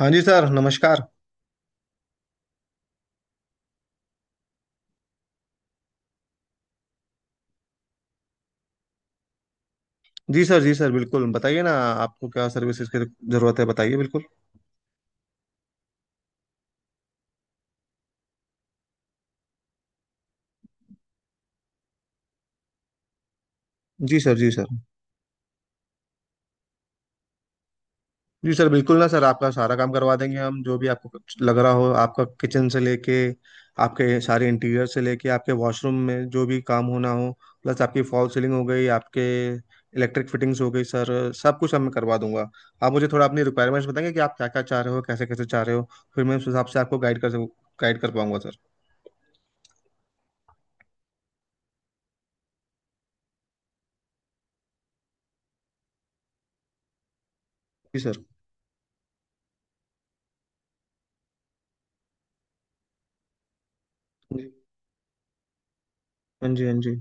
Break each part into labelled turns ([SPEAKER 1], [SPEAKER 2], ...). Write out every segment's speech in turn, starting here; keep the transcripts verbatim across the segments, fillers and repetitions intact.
[SPEAKER 1] हाँ जी सर, नमस्कार। जी सर, जी सर, बिल्कुल बताइए ना। आपको क्या सर्विसेज की जरूरत है, बताइए बिल्कुल। जी सर, जी सर। जी सर, बिल्कुल ना सर, आपका सारा काम करवा देंगे हम। जो भी आपको कुछ लग रहा हो, आपका किचन से लेके आपके सारे इंटीरियर से लेके आपके वॉशरूम में जो भी काम होना हो, प्लस आपकी फॉल सीलिंग हो गई, आपके इलेक्ट्रिक फिटिंग्स हो गई सर, सब कुछ हम मैं करवा दूंगा। आप मुझे थोड़ा अपनी रिक्वायरमेंट्स बताएंगे कि आप क्या क्या चाह रहे हो, कैसे कैसे चाह रहे हो। फिर मैं उस हिसाब से आपको गाइड कर गाइड कर पाऊंगा सर। जी सर, जी। हाँ जी, हाँ जी।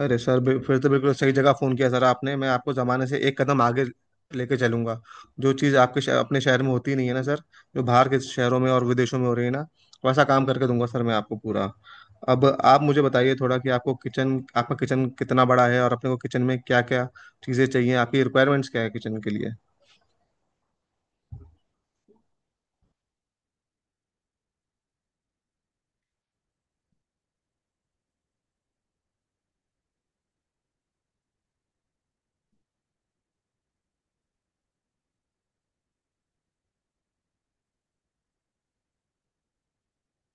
[SPEAKER 1] अरे सर, बि- फिर तो बिल्कुल सही जगह फ़ोन किया सर आपने। मैं आपको ज़माने से एक कदम आगे लेके चलूंगा। जो चीज़ आपके शह- अपने शहर में होती नहीं है ना सर, जो बाहर के शहरों में और विदेशों में हो रही है ना, वैसा काम करके दूंगा सर मैं आपको पूरा। अब आप मुझे बताइए थोड़ा कि आपको किचन आपका किचन कितना बड़ा है और अपने को किचन में क्या क्या चीज़ें चाहिए, आपकी रिक्वायरमेंट्स क्या है किचन के लिए।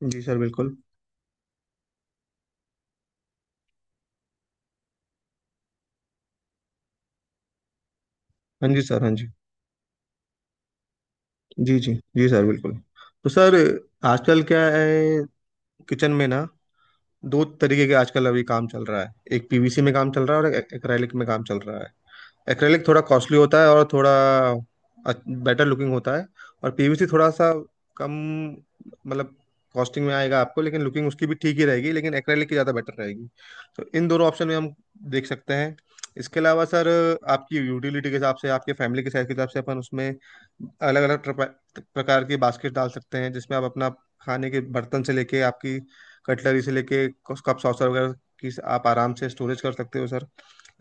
[SPEAKER 1] जी सर बिल्कुल। हाँ जी सर, हाँ जी। जी जी जी सर बिल्कुल। तो सर, आजकल क्या है किचन में ना, दो तरीके के आजकल अभी काम चल रहा है। एक पी वी सी में काम चल रहा है और एक एक्रेलिक में काम चल रहा है। एक्रेलिक थोड़ा कॉस्टली होता है और थोड़ा बेटर लुकिंग होता है। और पी वी सी थोड़ा सा कम, मतलब कॉस्टिंग में आएगा आपको, लेकिन लुकिंग उसकी भी ठीक ही रहेगी, लेकिन एक्रेलिक की ज़्यादा बेटर रहेगी। तो इन दोनों ऑप्शन में हम देख सकते हैं। इसके अलावा सर, आपकी यूटिलिटी के हिसाब से, आपके फैमिली के साइज के हिसाब से अपन उसमें अलग अलग प्रकार की बास्केट डाल सकते हैं, जिसमें आप अपना खाने के बर्तन से लेके, आपकी कटलरी से लेके, कप सॉसर वगैरह की आप आराम से स्टोरेज कर सकते हो सर।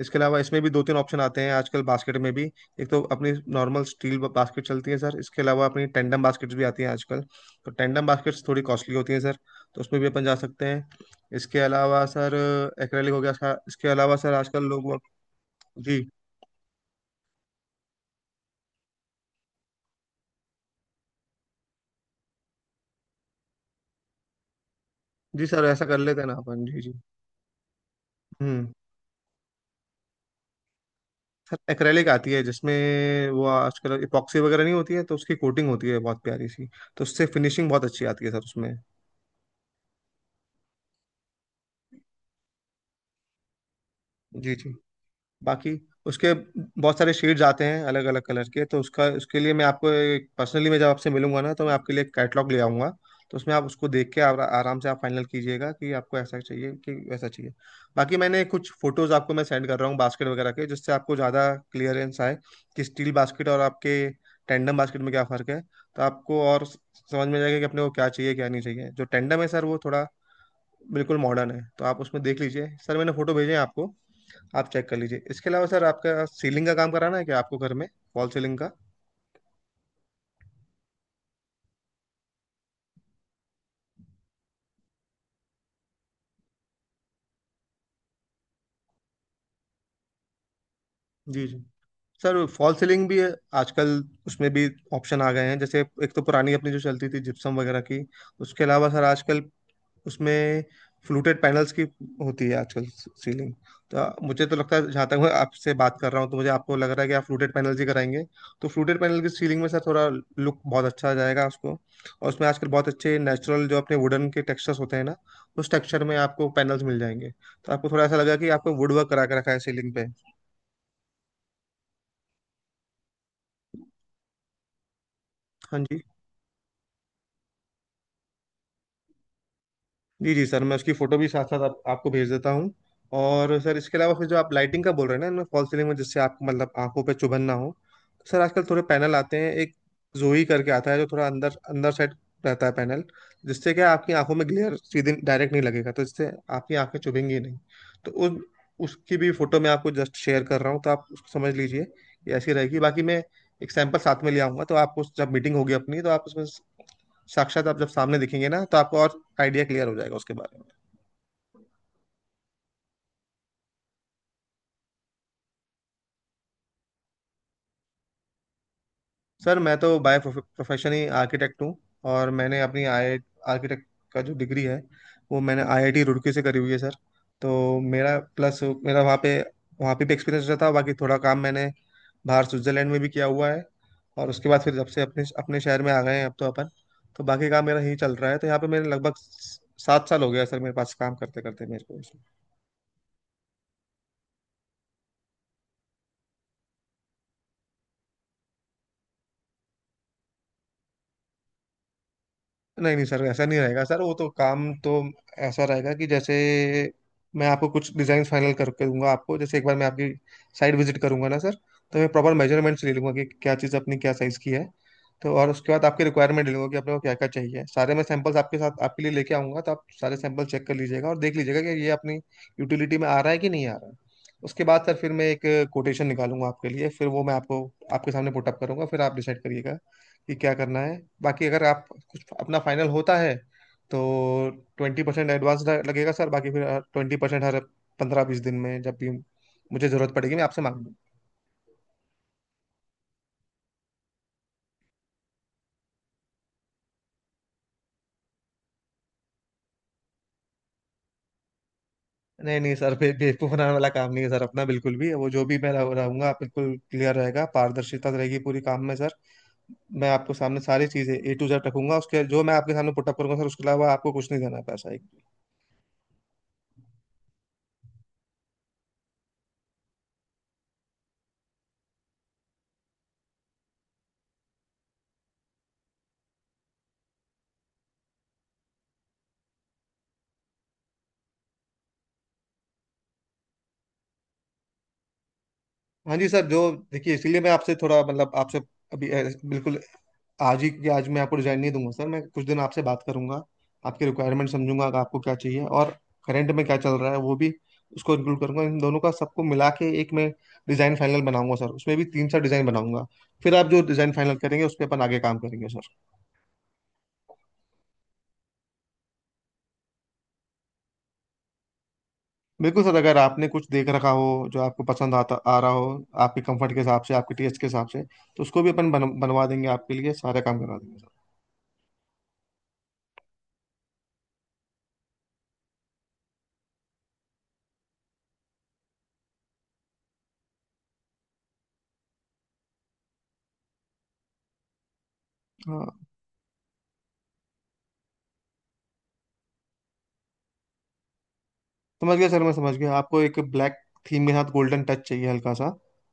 [SPEAKER 1] इसके अलावा इसमें भी दो तीन ऑप्शन आते हैं आजकल बास्केट में भी। एक तो अपनी नॉर्मल स्टील बास्केट चलती है सर, इसके अलावा अपनी टेंडम बास्केट्स भी आती हैं आजकल। तो टेंडम बास्केट्स थोड़ी कॉस्टली होती हैं सर, तो उसमें भी अपन जा सकते हैं। इसके अलावा सर, एक्रेलिक हो गया इसका- इसके अलावा सर आजकल लोग। जी। जी सर, ऐसा कर लेते हैं ना अपन। जी जी। हम्म सर एक्रेलिक आती है, जिसमें वो आजकल इपॉक्सी वगैरह नहीं होती है, तो उसकी कोटिंग होती है बहुत प्यारी सी, तो उससे फिनिशिंग बहुत अच्छी आती है सर उसमें। जी जी। बाकी उसके बहुत सारे शेड्स आते हैं अलग अलग कलर के। तो उसका उसके लिए मैं आपको पर्सनली, मैं जब आपसे मिलूंगा ना, तो मैं आपके लिए कैटलॉग ले आऊंगा। तो उसमें आप उसको देख के आरा- आराम से आप फाइनल कीजिएगा कि आपको ऐसा चाहिए कि वैसा चाहिए। बाकी मैंने कुछ फोटोज आपको मैं सेंड कर रहा हूँ बास्केट वगैरह के, जिससे आपको ज़्यादा क्लियरेंस आए कि स्टील बास्केट और आपके टेंडम बास्केट में क्या फ़र्क है। तो आपको और स- समझ में जाएगा कि अपने को क्या चाहिए, क्या नहीं चाहिए। जो टेंडम है सर, वो थोड़ा बिल्कुल मॉडर्न है, तो आप उसमें देख लीजिए सर, मैंने फोटो भेजे हैं आपको, आप चेक कर लीजिए। इसके अलावा सर आपका सीलिंग का काम कराना है क्या आपको घर में, फॉल सीलिंग का? जी जी। सर फॉल सीलिंग भी आजकल, उसमें भी ऑप्शन आ गए हैं। जैसे एक तो पुरानी अपनी जो चलती थी जिप्सम वगैरह की, उसके अलावा सर आजकल उसमें फ्लूटेड पैनल्स की होती है आजकल सीलिंग। तो मुझे तो लगता है, जहाँ तक मैं आपसे बात कर रहा हूँ, तो मुझे आपको लग रहा है कि आप फ्लूटेड पैनल ही कराएंगे। तो फ्लूटेड पैनल की सीलिंग में सर थोड़ा लुक बहुत अच्छा आ जाएगा उसको। और उसमें आजकल बहुत अच्छे नेचुरल, जो अपने वुडन के टेक्सचर्स होते हैं ना, उस टेक्सचर में आपको पैनल्स मिल जाएंगे। तो आपको थोड़ा ऐसा लगा कि आपको वुड वर्क करा के रखा है सीलिंग पे। हाँ जी। जी जी सर मैं उसकी फोटो भी साथ साथ आप, आपको भेज देता हूँ। और सर इसके अलावा फिर जो आप लाइटिंग का बोल रहे हैं ना, इनमें फॉल सीलिंग में, जिससे आपको मतलब आंखों पे चुभन ना हो, तो सर आजकल थोड़े पैनल आते हैं, एक जोई करके आता है, जो थोड़ा अंदर अंदर साइड रहता है पैनल। जिससे क्या है, आपकी आंखों में ग्लेयर सीधे डायरेक्ट नहीं लगेगा, तो जिससे आपकी आंखें चुभेंगी नहीं। तो उस उसकी भी फोटो मैं आपको जस्ट शेयर कर रहा हूँ, तो आप उसको समझ लीजिए कि ऐसी रहेगी। बाकी मैं एक सैंपल साथ में ले आऊंगा, तो आप उस जब मीटिंग होगी अपनी, तो आप उसमें साक्षात आप जब सामने दिखेंगे ना, तो आपको और आइडिया क्लियर हो जाएगा उसके बारे में। सर मैं तो बाय प्रोफेशन ही आर्किटेक्ट हूँ। और मैंने अपनी आई आर्किटेक्ट का जो डिग्री है, वो मैंने आई आई टी रुड़की से करी हुई है सर। तो मेरा प्लस, मेरा वहाँ पे वहाँ पे भी एक्सपीरियंस रहा था। बाकी थोड़ा काम मैंने बाहर स्विट्जरलैंड में भी किया हुआ है। और उसके बाद फिर जब से अपने अपने शहर में आ गए हैं अब तो अपन, तो बाकी काम मेरा यही चल रहा है। तो यहाँ पे मेरे लगभग सात साल हो गया सर, मेरे पास काम करते करते मेरे को। नहीं नहीं सर, ऐसा नहीं रहेगा सर। वो तो काम तो ऐसा रहेगा कि जैसे मैं आपको कुछ डिजाइन फाइनल करके दूंगा आपको। जैसे एक बार मैं आपकी साइट विजिट करूंगा ना सर, तो मैं प्रॉपर मेजरमेंट्स ले लूंगा कि क्या चीज़ अपनी क्या साइज़ की है। तो और उसके बाद आपके रिक्वायरमेंट ले लूंगा कि आपने को क्या क्या चाहिए। सारे मैं सैंपल्स आपके साथ आपके लिए लेके आऊंगा, तो आप सारे सैंपल चेक कर लीजिएगा और देख लीजिएगा कि ये अपनी यूटिलिटी में आ रहा है कि नहीं आ रहा है। उसके बाद सर फिर मैं एक कोटेशन निकालूंगा आपके लिए, फिर वो मैं आपको आपके सामने पुटअप करूंगा, फिर आप डिसाइड करिएगा कि क्या करना है। बाकी अगर आप कुछ अपना फाइनल होता है तो ट्वेंटी परसेंट एडवांस लगेगा सर, बाकी फिर ट्वेंटी परसेंट हर पंद्रह बीस दिन में, जब भी मुझे जरूरत पड़ेगी मैं आपसे मांग लूँ। नहीं नहीं सर, बे बेवकूफ बनाने वाला काम नहीं है सर अपना बिल्कुल भी। वो जो भी मैं रह- रहूंगा, बिल्कुल क्लियर रहेगा, पारदर्शिता रहेगी पूरी काम में सर। मैं आपको सामने सारी चीजें ए टू जेड रखूंगा, उसके जो मैं आपके सामने पुटअप करूंगा सर। उसके अलावा आपको कुछ नहीं देना है पैसा। हाँ जी सर, जो देखिए, इसलिए मैं आपसे थोड़ा मतलब आपसे अभी अ, बिल्कुल आज ही के आज मैं आपको डिजाइन नहीं दूंगा सर। मैं कुछ दिन आपसे बात करूंगा, आपके रिक्वायरमेंट समझूंगा कि आपको क्या चाहिए, और करंट में क्या चल रहा है वो भी उसको इंक्लूड करूंगा। इन दोनों का सबको मिला के एक मैं डिजाइन फाइनल बनाऊंगा सर। उसमें भी तीन चार डिजाइन बनाऊंगा, फिर आप जो डिजाइन फाइनल करेंगे उस पे अपन आगे काम करेंगे सर। बिल्कुल सर, अगर आपने कुछ देख रखा हो जो आपको पसंद आता आ रहा हो, आपके कंफर्ट के हिसाब से, आपके टेस्ट के हिसाब से, तो उसको भी अपन बन, बनवा देंगे आपके लिए। सारा काम करवा देंगे सर। हाँ। समझ गया सर, मैं समझ गया, आपको एक ब्लैक थीम के साथ गोल्डन टच चाहिए हल्का सा।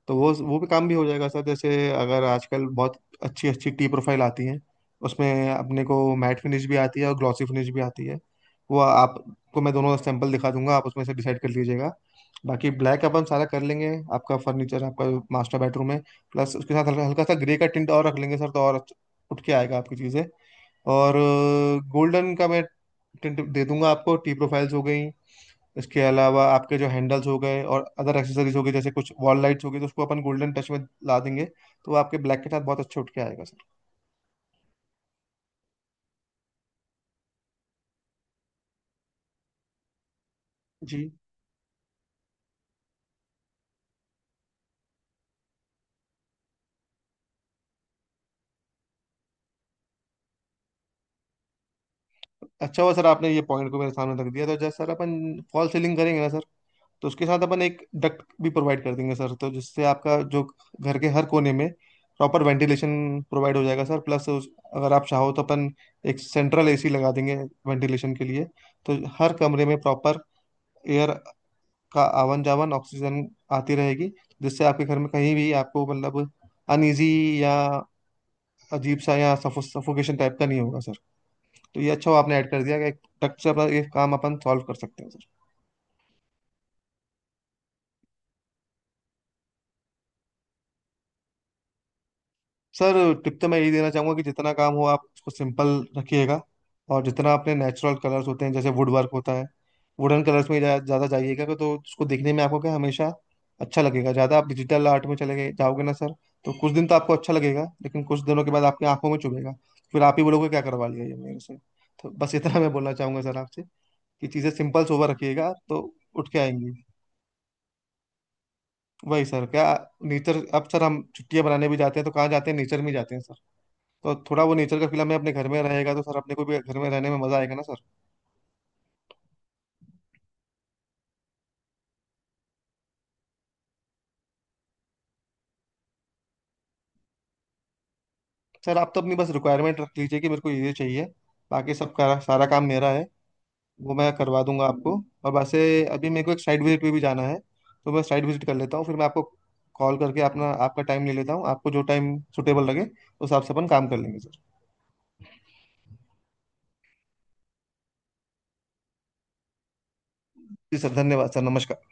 [SPEAKER 1] तो वो वो भी काम भी हो जाएगा सर। जैसे अगर आजकल बहुत अच्छी अच्छी टी प्रोफाइल आती है, उसमें अपने को मैट फिनिश भी आती है और ग्लॉसी फिनिश भी आती है। वो आपको मैं दोनों सैंपल दिखा दूंगा, आप उसमें से डिसाइड कर लीजिएगा। बाकी ब्लैक अपन सारा कर लेंगे आपका फर्नीचर, आपका मास्टर बेडरूम है। प्लस उसके साथ हल्का हल्का सा ग्रे का टिंट और रख लेंगे सर, तो और अच्छा- उठ के आएगा आपकी चीज़ें। और गोल्डन का मैं टिंट दे दूंगा आपको। टी प्रोफाइल्स हो गई, इसके अलावा आपके जो हैंडल्स हो गए और अदर एक्सेसरीज हो गई, जैसे कुछ वॉल लाइट्स हो गई, तो उसको अपन गोल्डन टच में ला देंगे। तो वो आपके ब्लैक के साथ बहुत अच्छे उठ के आएगा सर। जी। अच्छा हुआ सर आपने ये पॉइंट को मेरे सामने रख दिया। तो जैसे सर अपन फॉल सीलिंग करेंगे ना सर, तो उसके साथ अपन एक डक्ट भी प्रोवाइड कर देंगे सर, तो जिससे आपका जो घर के हर कोने में प्रॉपर वेंटिलेशन प्रोवाइड हो जाएगा सर। प्लस उस, अगर आप चाहो तो अपन एक सेंट्रल ए सी लगा देंगे वेंटिलेशन के लिए। तो हर कमरे में प्रॉपर एयर का आवन जावन, ऑक्सीजन आती रहेगी, जिससे आपके घर में कहीं भी आपको मतलब अनईजी या अजीब सा या सफोकेशन टाइप का नहीं होगा सर। तो ये अच्छा हुआ आपने ऐड कर दिया कि एक टक से अपना ये काम अपन सॉल्व कर सकते हैं सर। सर, टिप तो मैं यही देना चाहूंगा कि जितना काम हो आप उसको सिंपल रखिएगा। और जितना अपने नेचुरल कलर्स होते हैं जैसे वुड वर्क होता है, वुडन कलर्स में ज़्यादा ज़्यादा जाइएगा, तो उसको दिखने में आपको क्या हमेशा अच्छा लगेगा। ज़्यादा आप डिजिटल आर्ट में चले गए जाओगे ना सर, तो कुछ दिन तो आपको अच्छा लगेगा, लेकिन कुछ दिनों के बाद आपकी आंखों में चुभेगा। फिर आप ही बोलोगे क्या करवा लिया ये मेरे से। तो बस इतना मैं बोलना चाहूंगा सर आपसे कि चीज़ें सिंपल सोबर रखिएगा, तो उठ के आएंगी। वही सर, क्या नेचर। अब सर हम छुट्टियां बनाने भी जाते हैं तो कहाँ जाते हैं, नेचर में जाते हैं सर। तो थोड़ा वो नेचर का फील हमें अपने घर में रहेगा, तो सर अपने को भी घर में रहने में मजा आएगा ना सर। सर आप तो अपनी बस रिक्वायरमेंट रख लीजिए कि मेरे को ये ये चाहिए, बाकी सब का सारा काम मेरा है, वो मैं करवा दूंगा आपको। और वैसे अभी मेरे को एक साइड विजिट पे भी जाना है, तो मैं साइड विजिट कर लेता हूँ, फिर मैं आपको कॉल करके अपना आपका टाइम ले लेता हूँ। आपको जो टाइम सुटेबल लगे उस हिसाब से अपन काम कर लेंगे सर। जी सर, धन्यवाद सर, नमस्कार।